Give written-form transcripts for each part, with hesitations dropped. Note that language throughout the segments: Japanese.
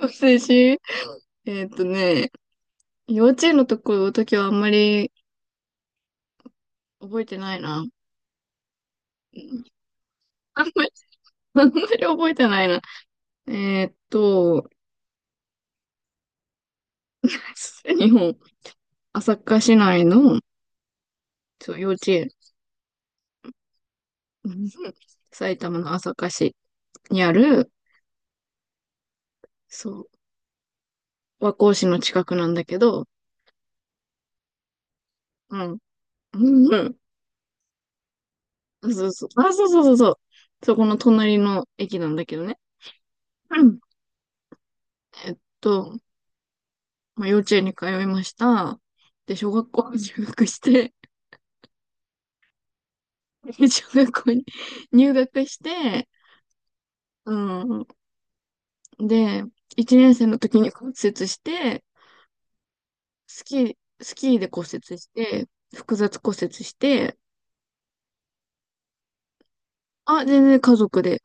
学生し、ね、幼稚園のところの時はあんまり覚えてないな。うん。あんまり、あんまり覚えてないな。えーっと、日本、朝霞市内の、そう、幼稚園。うん。埼玉の朝霞市にある、そう、和光市の近くなんだけど、うん。うん。うん。そうそう。あ、そうそうそうそう。そこの隣の駅なんだけどね。うん。えっと、まあ、幼稚園に通いました。で、小学校に入学して、小学校に入学して、うん。で、1年生の時に骨折して、スキー、スキーで骨折して、複雑骨折して、あ、全然家族で、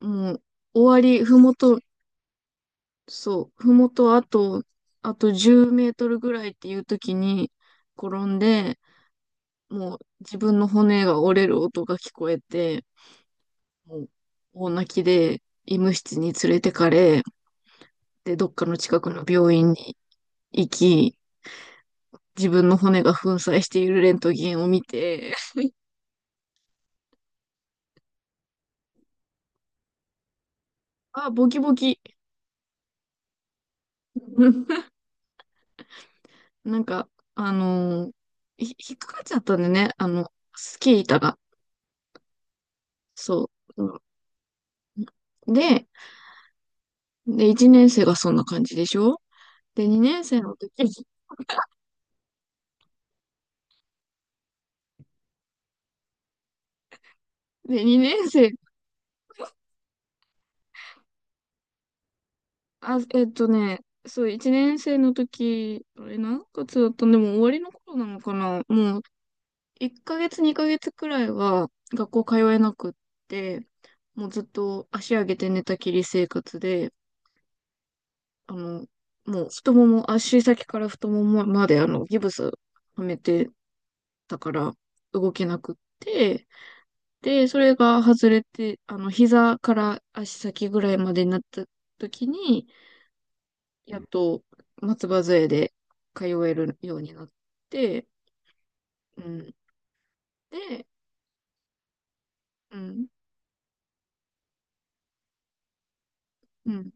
もう、終わり、ふもと、そう、ふもとあと、あと10メートルぐらいっていう時に転んで、もう自分の骨が折れる音が聞こえて、もう大泣きで医務室に連れてかれ、で、どっかの近くの病院に行き、自分の骨が粉砕しているレントゲンを見て、あ、ボキボキ。なんか、あのー引っかかっちゃったんでね、あの、スキー板が。そう。うんで、で、1年生がそんな感じでしょ。で、2年生の時、で、2年生、あ、そう、1年生の時、あれ何月だったん。でも終わりの頃なのかな。もう1ヶ月2ヶ月くらいは学校通えなくって、もうずっと足上げて寝たきり生活で、あの、もう太もも、足先から太ももまであのギブスはめてたから動けなくって、で、それが外れて、あの、膝から足先ぐらいまでになった時に、やっと松葉杖で通えるようになって、うん。で、うん。うん。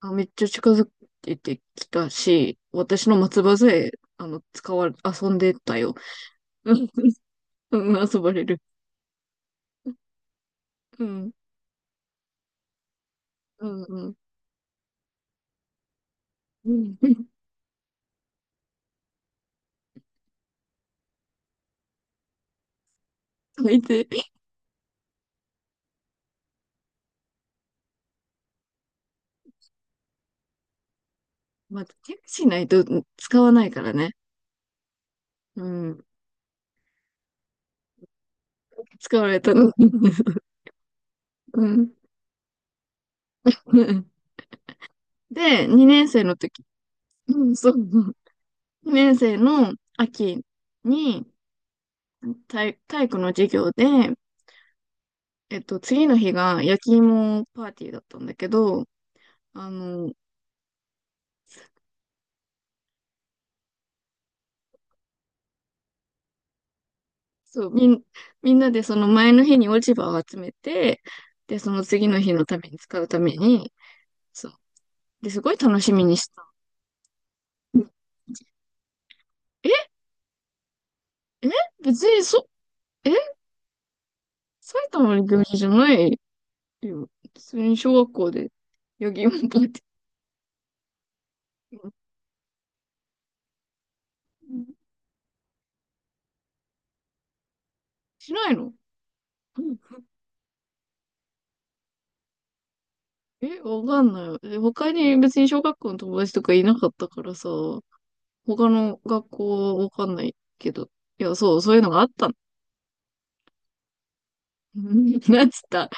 あ、めっちゃ近づいてきたし、私の松葉杖、あの、使われ、遊んでたよ。うん、遊ばれる。うん、うん、うん。うん。 それで、まあ、チェックしないと使わないからね。うん、使われたの。うん、うん。で、2年生の時、うん、そう、2年生の秋に体育の授業で、えっと、次の日が焼き芋パーティーだったんだけど、あの、そう、みんなでその前の日に落ち葉を集めて、で、その次の日のために使うために、そう。で、すごい楽しみにした。うん。え、え、別にそ、え、埼玉の行事じゃないよ。普通に小学校で、ヨギンパって。うん。しないの。うん。え、わかんない。え、他に別に小学校の友達とかいなかったからさ、他の学校はわかんないけど。いや、そう、そういうのがあったの。うん。なんつった。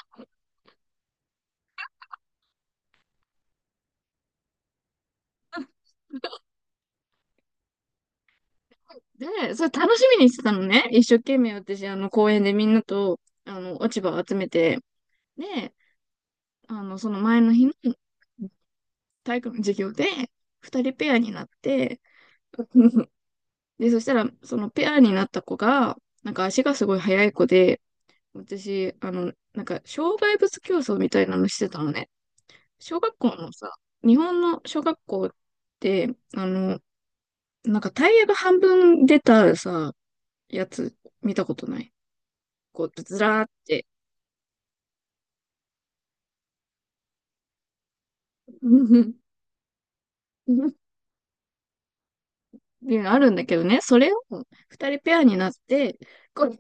で、それ楽しみにしてたのね。一生懸命私、あの、公園でみんなと、あの、落ち葉を集めて。で、あの、その前の日の体育の授業で、二人ペアになって、で、そしたら、そのペアになった子が、なんか足がすごい速い子で、私、あの、なんか、障害物競争みたいなのしてたのね。小学校のさ、日本の小学校って、あの、なんかタイヤが半分出たさ、やつ見たことない？こう、ずらーって、あるんだけどね、それを二人ペアになって、こう、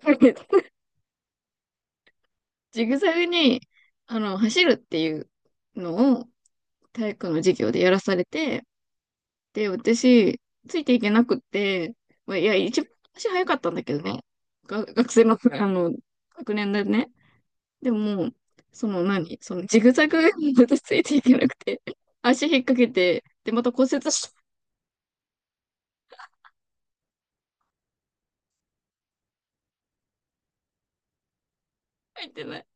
ジグザグに、あの、走るっていうのを体育の授業でやらされて、で、私、ついていけなくって、まあ、いや、一番足早かったんだけどね、が学生の、あの、学年でね。でも、その何そのジグザグに私ついていけなくて、足引っ掛けて、で、また骨折して。入ってない。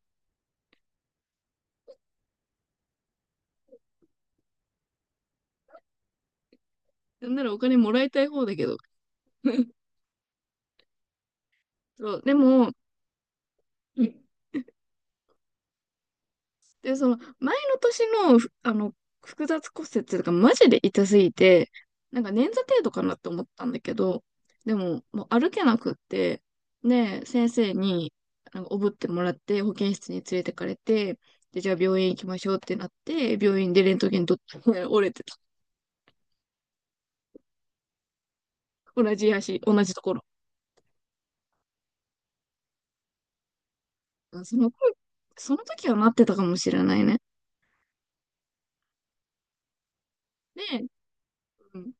なんならお金もらいたい方だけど、そう、でも、で、その前の年の、ふあの、複雑骨折とかマジで痛すぎて、なんか捻挫程度かなって思ったんだけど、でも、もう歩けなくって、で、先生に、なんかおぶってもらって、保健室に連れてかれて、で、じゃあ病院行きましょうってなって、病院でレントゲン撮って 折れてた。同じ足、同じところ。あ、その、その時はなってたかもしれないね。で、うん、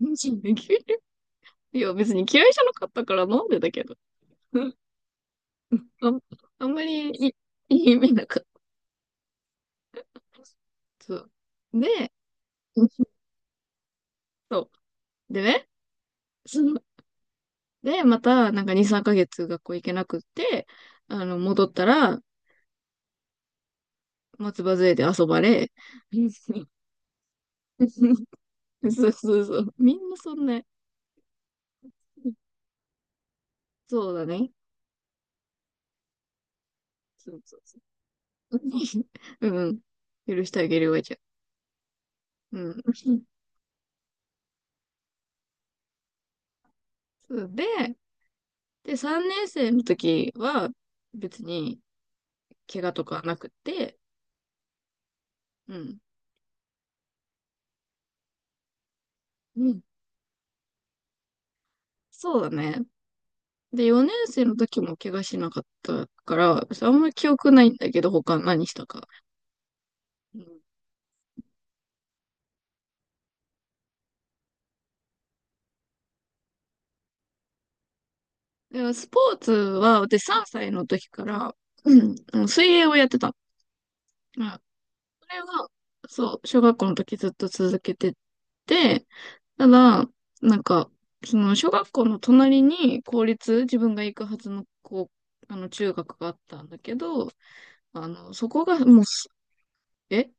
いや、別に嫌いじゃなかったから飲んでたけど。あん、あんまりいい、いい夢なかった。そう。で、そう。でね、その、で、また、なんか2、3ヶ月学校行けなくって、あの、戻ったら、松葉杖で遊ばれ、そうそうそう。みんなそんな、そうだね。そうそうそう。うん。許してあげるわじゃん。うん。そうで、で、3年生の時は、別に、怪我とかなくって、うん。そうだね。で、4年生の時も怪我しなかったから、あんまり記憶ないんだけど、他何したか。うん、だからスポーツは、私3歳の時から、うん、あの水泳をやってた。まあ、それが、そう、小学校の時ずっと続けてて、ただ、なんか、その小学校の隣に公立、自分が行くはずの高、あの中学があったんだけど、あの、そこがもうす、え、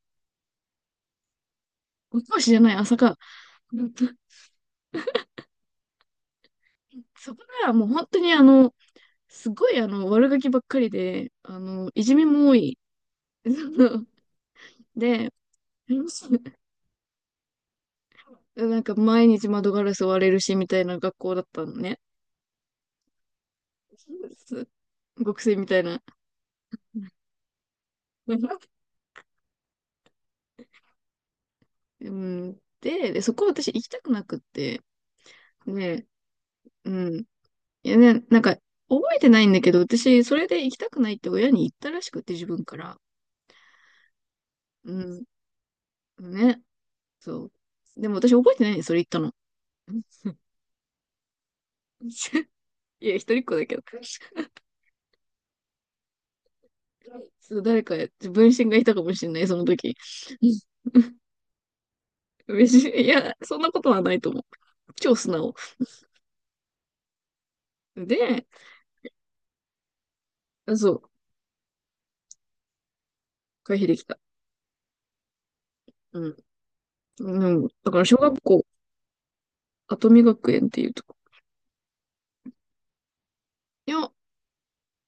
ご教師じゃない、朝か。そこならもう本当にあの、すごいあの、悪ガキばっかりで、あの、いじめも多い。で、なんか毎日窓ガラス割れるしみたいな学校だったのね。す学生みたいな。うん、で、そこ私行きたくなくって、ね、うん。いやね、なんか覚えてないんだけど、私それで行きたくないって親に言ったらしくて自分から。うん、ね、そう。でも私覚えてないねそれ言ったの。いや、一人っ子だけど。そう、誰か、分身がいたかもしれない、その時。いや、そんなことはないと思う。超素直。で、そう、回避できた。うん。うん。だから、小学校、跡見学園っていうとこ。いや、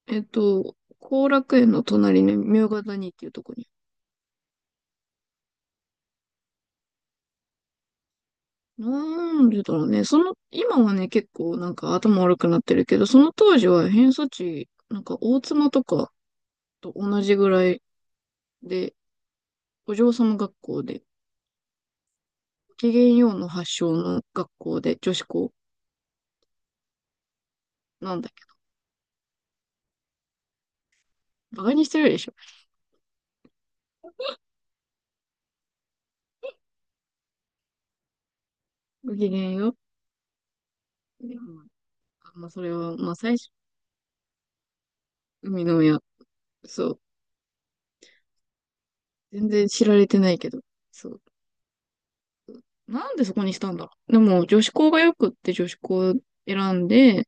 えっと、後楽園の隣の明ヶ谷っていうとこに。なんでだろうね。その、今はね、結構なんか頭悪くなってるけど、その当時は偏差値、なんか大妻とかと同じぐらいで、お嬢様学校で、ごきげんようの発祥の学校で女子校。なんだっけ。バカにしてるでしょ？ごきげんよう。うん。まあ、それは、まあ、最初、海の親。そう。全然知られてないけど。そう。なんでそこにしたんだろう。でも、女子校がよくって女子校選んで、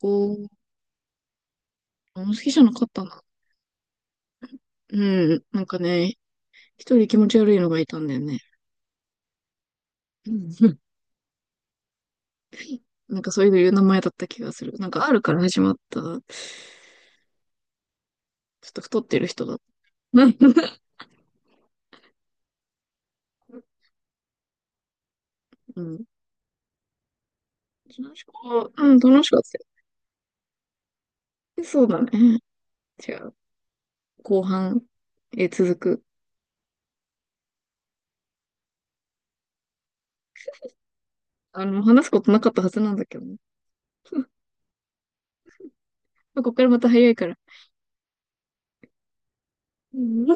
こう、あんま好きじゃなかったな。うん。なんかね、一人気持ち悪いのがいたんだよね。うん。 なんかそういう名前だった気がする。なんか R から始まった、ちょっと太ってる人だった。うん。楽しかった。うん、楽しかったよ。そうだね。じゃあ、後半、続く。あの、話すことなかったはずなんだけどね。ここからまた早いから。うん